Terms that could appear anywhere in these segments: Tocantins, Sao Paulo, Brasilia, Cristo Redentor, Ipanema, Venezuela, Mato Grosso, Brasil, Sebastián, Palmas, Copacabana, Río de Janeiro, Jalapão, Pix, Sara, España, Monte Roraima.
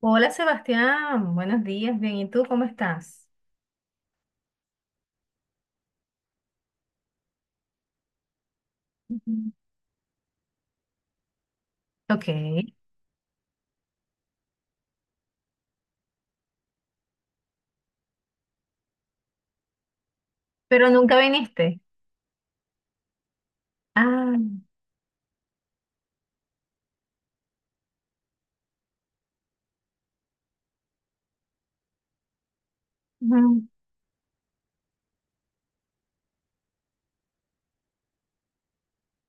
Hola Sebastián, buenos días, bien, ¿y tú cómo estás? Ujú. Ok, pero nunca viniste. Ah. Ujú.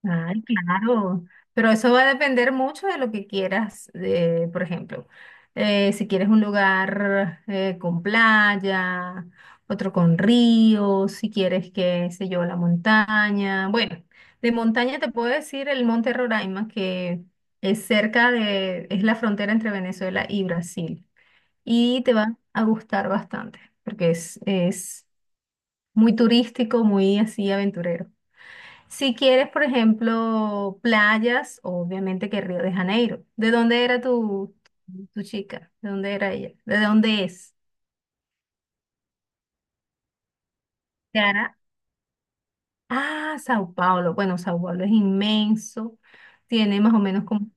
Ay, claro, pero eso va a depender mucho de lo que quieras, por ejemplo, si quieres un lugar con playa, otro con río, si quieres, qué sé yo, la montaña. Bueno, de montaña te puedo decir el Monte Roraima, que es la frontera entre Venezuela y Brasil. Y te va a gustar bastante, porque es muy turístico, muy así aventurero. Si quieres, por ejemplo, playas, obviamente que Río de Janeiro. ¿De dónde era tu chica? ¿De dónde era ella? ¿De dónde es? Cara. Ah, Sao Paulo. Bueno, Sao Paulo es inmenso. Tiene más o menos como...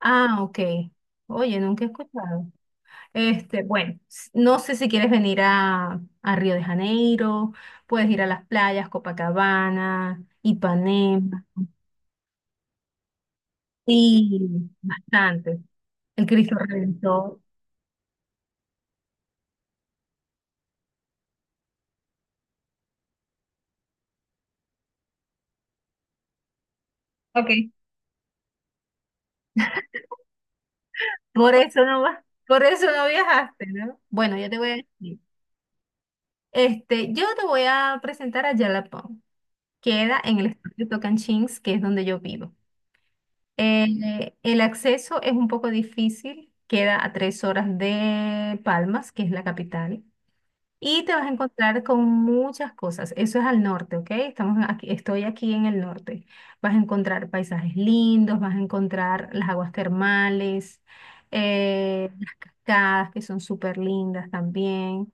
Ah, ok. Oye, nunca he escuchado. Este, bueno, no sé si quieres venir a Río de Janeiro, puedes ir a las playas, Copacabana, Ipanema. Sí, bastante. El Cristo Redentor. Ok. Por eso no vas, por eso no viajaste, ¿no? Bueno, yo te voy a decir. Este, yo te voy a presentar a Jalapão. Queda en el estado de Tocantins, que es donde yo vivo. El acceso es un poco difícil, queda a 3 horas de Palmas, que es la capital. Y te vas a encontrar con muchas cosas. Eso es al norte, ¿ok? Estamos aquí, estoy aquí en el norte. Vas a encontrar paisajes lindos, vas a encontrar las aguas termales, las cascadas que son súper lindas también.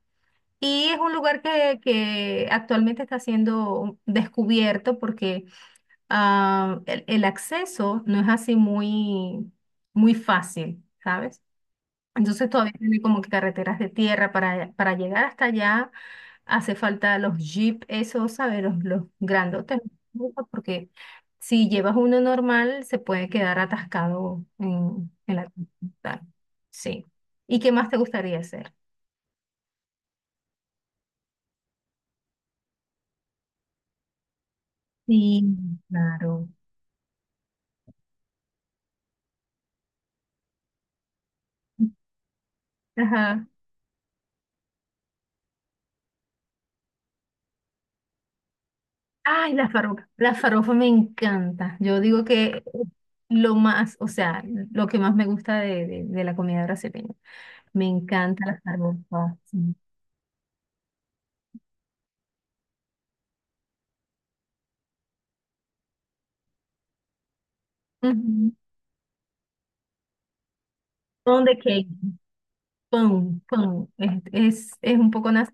Y es un lugar que actualmente está siendo descubierto porque el acceso no es así muy, muy fácil, ¿sabes? Entonces todavía tiene como que carreteras de tierra para llegar hasta allá. Hace falta los jeep, esos, ¿sabes? Los grandotes, ¿no? Porque si llevas uno normal se puede quedar atascado en la ruta. Sí. ¿Y qué más te gustaría hacer? Sí, claro. Ajá. Ay, la farofa. La farofa me encanta. Yo digo que lo más, o sea, lo que más me gusta de la comida brasileña. Me encanta la farofa. Sí. Ujú. Pão de queijo. Pão, pão. Es un poco nasal.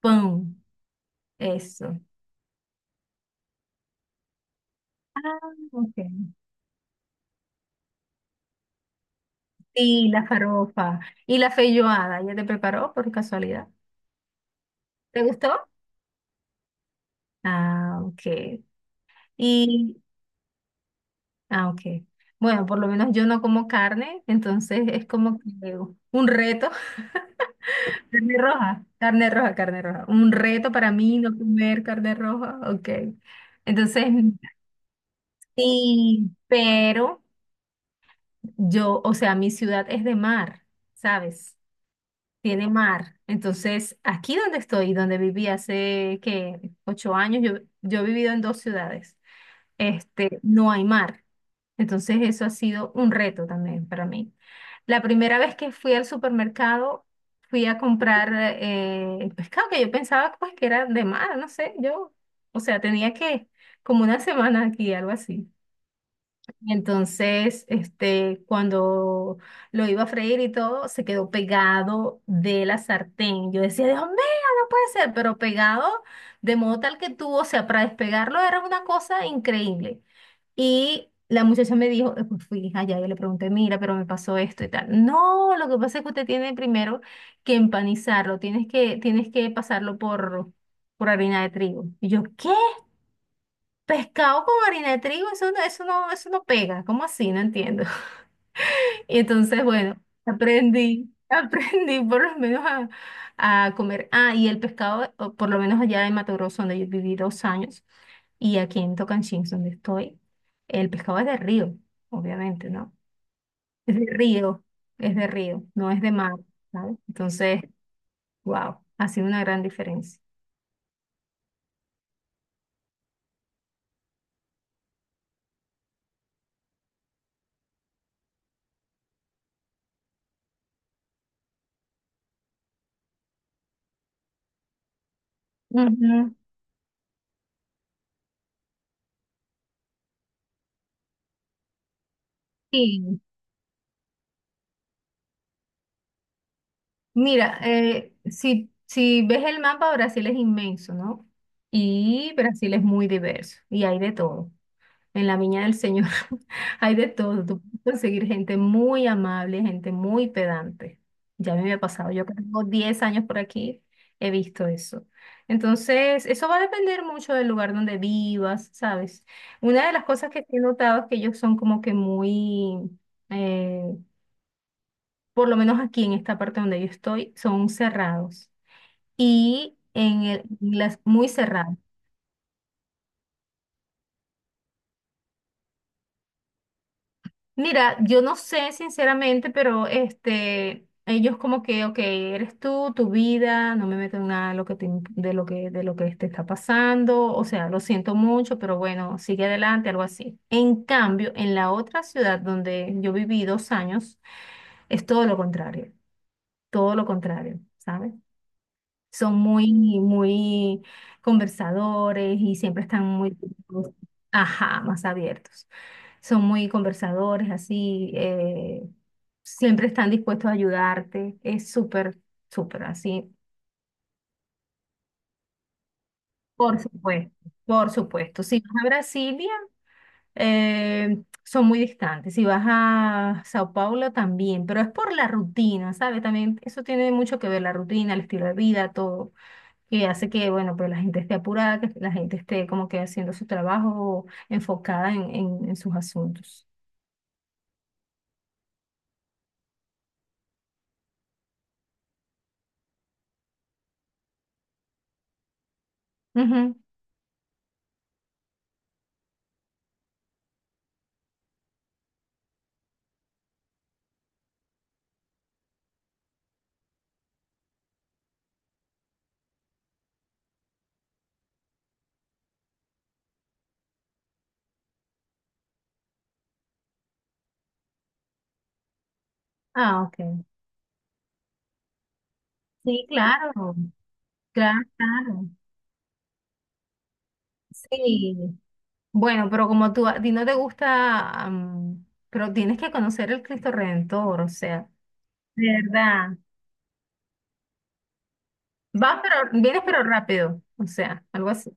Pão. Eso. Ah, ok. Sí, la farofa. Y la feijoada. ¿Ya te preparó por casualidad? ¿Te gustó? Ah, ok. Y, ah, ok. Bueno, por lo menos yo no como carne, entonces es como que un reto. Carne roja, carne roja, carne roja. Un reto para mí no comer carne roja. Ok. Entonces, sí, pero. Yo, o sea, mi ciudad es de mar, ¿sabes? Tiene mar. Entonces, aquí donde estoy, donde viví hace que 8 años, yo he vivido en dos ciudades. Este, no hay mar. Entonces, eso ha sido un reto también para mí. La primera vez que fui al supermercado, fui a comprar pescado que yo pensaba pues que era de mar, no sé, yo, o sea, tenía que como una semana aquí, algo así. Y entonces, este, cuando lo iba a freír y todo, se quedó pegado de la sartén. Yo decía, Dios mío, no puede ser, pero pegado de modo tal que tuvo, o sea, para despegarlo era una cosa increíble. Y la muchacha me dijo, pues fui allá, yo le pregunté, mira, pero me pasó esto y tal. No, lo que pasa es que usted tiene primero que empanizarlo, tienes que pasarlo por harina de trigo. Y yo, ¿qué? Pescado con harina de trigo, eso no, eso no, eso no pega, ¿cómo así? No entiendo. Y entonces, bueno, aprendí por lo menos a comer. Ah, y el pescado, o por lo menos allá en Mato Grosso, donde yo viví 2 años, y aquí en Tocanchins, donde estoy, el pescado es de río, obviamente, ¿no? Es de río, es de río, no es de mar, ¿sabes? Entonces, wow, ha sido una gran diferencia. Ujú. Sí. Mira, si ves el mapa, Brasil es inmenso, ¿no? Y Brasil es muy diverso y hay de todo. En la Viña del Señor hay de todo. Tú puedes conseguir gente muy amable, gente muy pedante. Ya me había pasado. Yo que tengo 10 años por aquí, he visto eso. Entonces, eso va a depender mucho del lugar donde vivas, ¿sabes? Una de las cosas que sí he notado es que ellos son como que muy... eh, por lo menos aquí en esta parte donde yo estoy, son cerrados y las muy cerrados. Mira, yo no sé sinceramente, pero este, ellos como que, ok, eres tú, tu vida, no me meto en nada de lo que te, de lo que te está pasando, o sea, lo siento mucho, pero bueno, sigue adelante, algo así. En cambio, en la otra ciudad donde yo viví 2 años, es todo lo contrario, ¿sabes? Son muy, muy conversadores y siempre están muy, ajá, más abiertos. Son muy conversadores, así, siempre están dispuestos a ayudarte. Es súper, súper así. Por supuesto, por supuesto. Si vas a Brasilia, son muy distantes. Si vas a Sao Paulo también, pero es por la rutina, ¿sabes? También eso tiene mucho que ver, la rutina, el estilo de vida, todo. Que hace que, bueno, pues la gente esté apurada, que la gente esté como que haciendo su trabajo enfocada en sus asuntos. Ujú. Ah, ok. Sí, claro, claro, claro. Sí. Bueno, pero como tú, a ti no te gusta, pero tienes que conocer el Cristo Redentor, o sea, de verdad. Vas, pero vienes, pero rápido, o sea, algo así.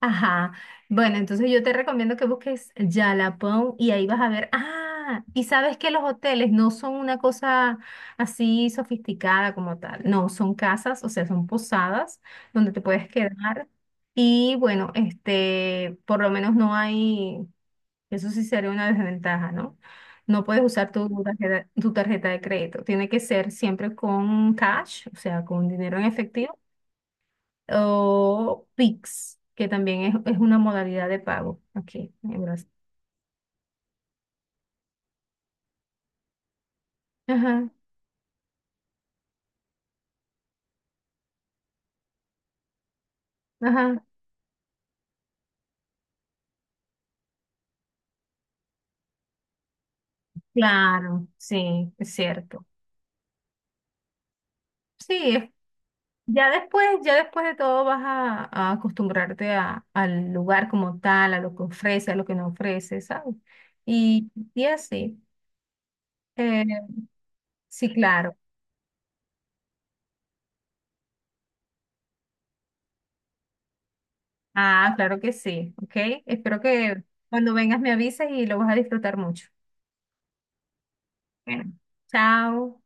Ajá. Bueno, entonces yo te recomiendo que busques Jalapão y ahí vas a ver. Ah, y sabes que los hoteles no son una cosa así sofisticada como tal. No, son casas, o sea, son posadas donde te puedes quedar. Y bueno, este, por lo menos no hay, eso sí sería una desventaja, ¿no? No puedes usar tu tarjeta de crédito. Tiene que ser siempre con cash, o sea, con dinero en efectivo o Pix, que también es una modalidad de pago aquí en Brasil. Ajá, ajá, claro, sí, es cierto. Sí, ya después, de todo vas a acostumbrarte al lugar como tal, a lo que ofrece, a lo que no ofrece, ¿sabes? Y así. Eh, sí, claro. Ah, claro que sí, ¿ok? Espero que cuando vengas me avises y lo vas a disfrutar mucho. Bueno, chao.